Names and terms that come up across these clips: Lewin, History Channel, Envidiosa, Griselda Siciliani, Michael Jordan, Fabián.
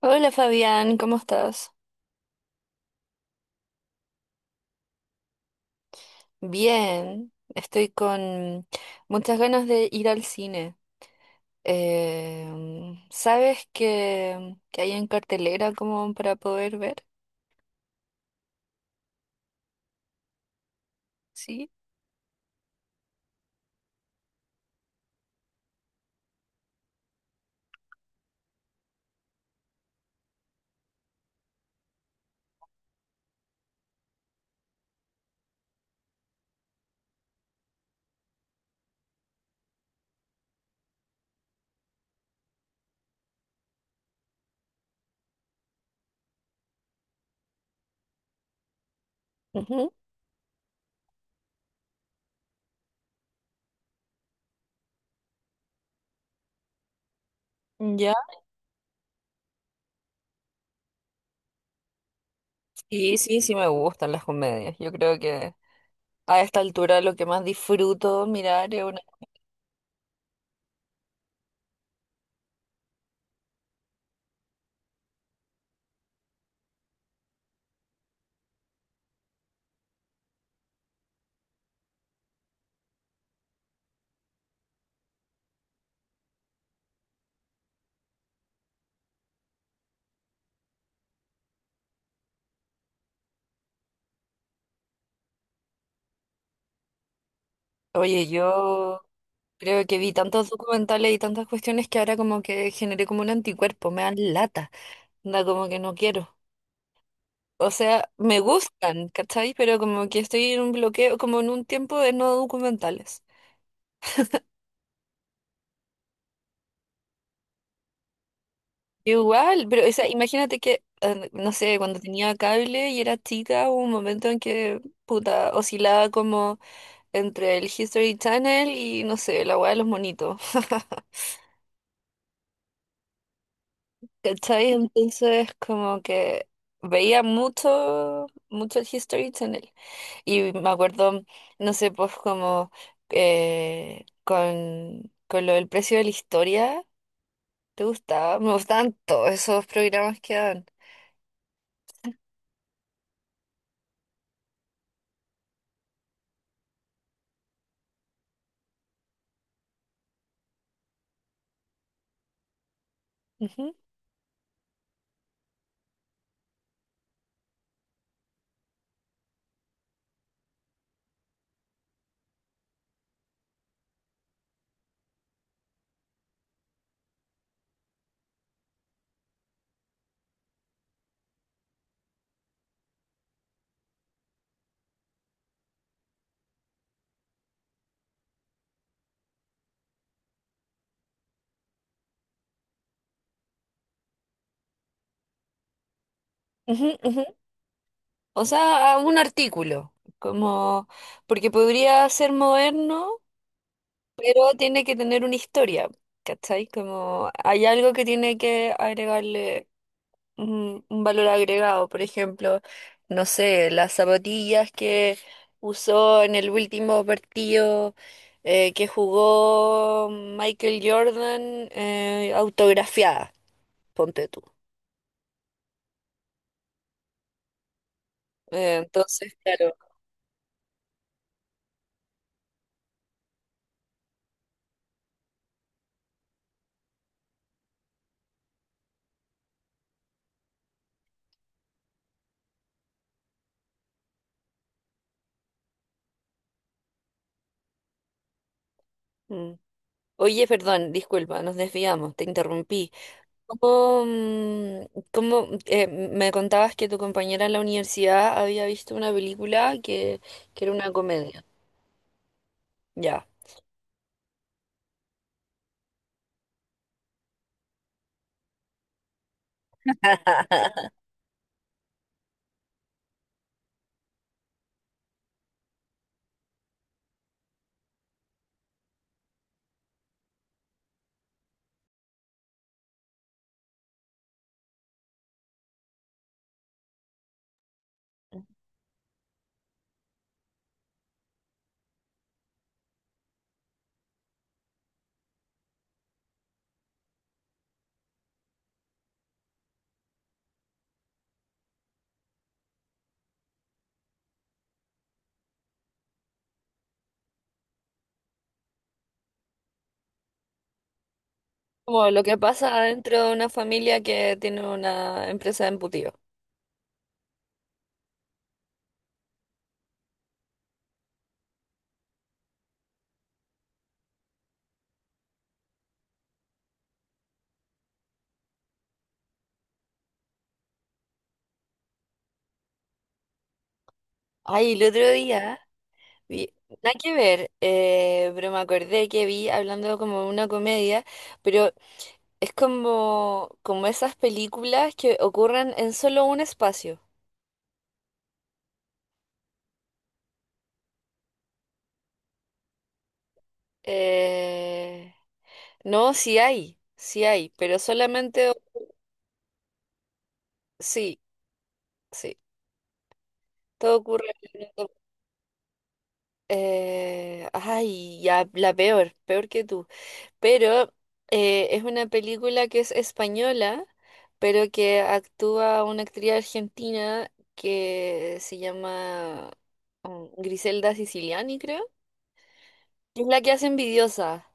Hola Fabián, ¿cómo estás? Bien, estoy con muchas ganas de ir al cine. ¿Sabes qué hay en cartelera como para poder ver? Sí. Ujú. ¿Ya? Sí, sí, sí me gustan las comedias. Yo creo que a esta altura lo que más disfruto mirar es una... Oye, yo creo que vi tantos documentales y tantas cuestiones que ahora como que generé como un anticuerpo, me dan lata. Anda como que no quiero. O sea, me gustan, ¿cachai? Pero como que estoy en un bloqueo, como en un tiempo de no documentales. Igual, pero o sea, imagínate que, no sé, cuando tenía cable y era chica, hubo un momento en que, puta, oscilaba como entre el History Channel y, no sé, la weá de los monitos. ¿Cachai? Entonces, como que veía mucho el History Channel. Y me acuerdo, no sé, pues como con lo del precio de la historia, ¿te gustaba? Me gustaban todos esos programas que dan. Ujú, ujú, ujú. O sea, a un artículo, como, porque podría ser moderno, pero tiene que tener una historia, ¿cachai? Como hay algo que tiene que agregarle un valor agregado, por ejemplo, no sé, las zapatillas que usó en el último partido que jugó Michael Jordan, autografiadas, ponte tú. Entonces, claro. Mm. Oye, perdón, disculpa, nos desviamos, te interrumpí. ¿Cómo, cómo, me contabas que tu compañera en la universidad había visto una película que era una comedia? Ya. Como lo que pasa dentro de una familia que tiene una empresa de embutido. Ay, el otro día vi, nada que ver, pero me acordé que vi hablando como de una comedia, pero es como, como esas películas que ocurren en solo un espacio. Eh, no, sí hay, pero solamente, sí, sí, todo ocurre. en un- ay, ya, la peor, peor que tú. Pero es una película que es española, pero que actúa una actriz argentina que se llama Griselda Siciliani, creo. Es la que hace Envidiosa,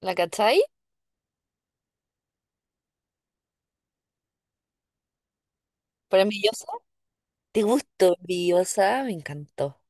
¿la cachai? ¿Por Envidiosa? ¿Te gustó Envidiosa? Me encantó.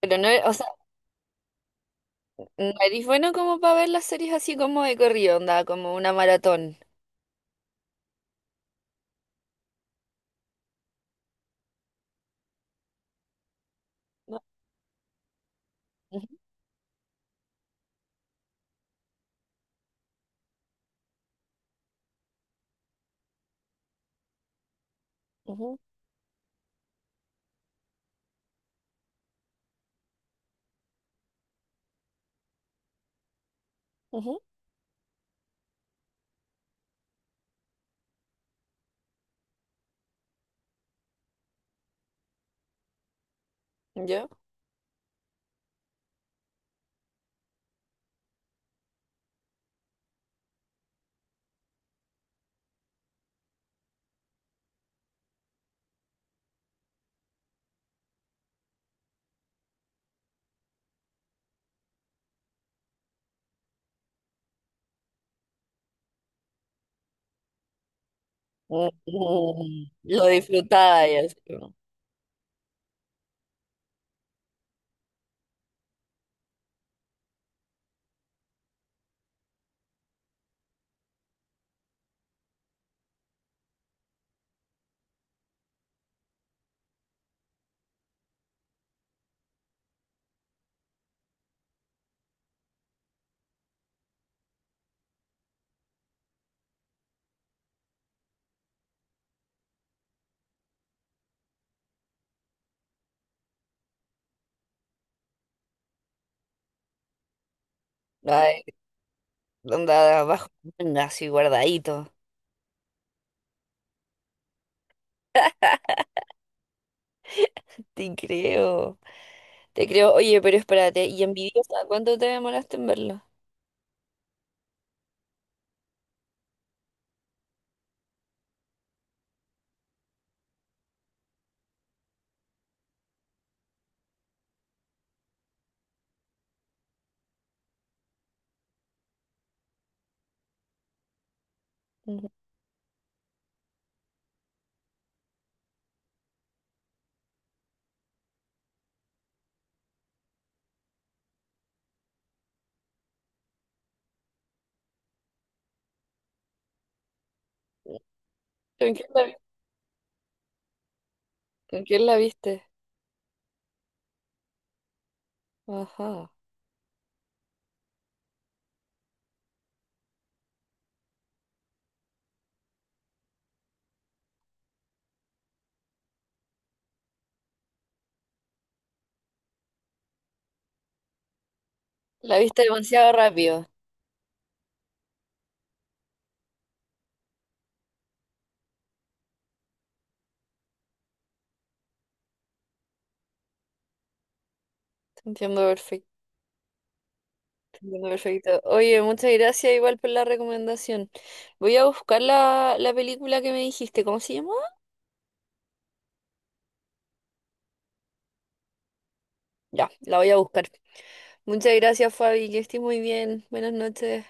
Pero no, o sea, no eres bueno como para ver las series así como de corrido, onda, como una maratón. No. Ujú, ujú, ujú. ¿Yo? Mm, lo disfrutaba y así como, ay, onda abajo, manga, así guardadito. Te creo, te creo. Oye, pero espérate, ¿y envidiosa? ¿Cuánto te demoraste en verlo? Ujú. ¿Con quién la vi- con quién la viste? Ajá. La viste demasiado rápido. Te entiendo perfecto. Te entiendo perfecto. Oye, muchas gracias igual por la recomendación. Voy a buscar la, la película que me dijiste. ¿Cómo se llama? Ya, la voy a buscar. Muchas gracias, Fabi. Que estés muy bien. Buenas noches.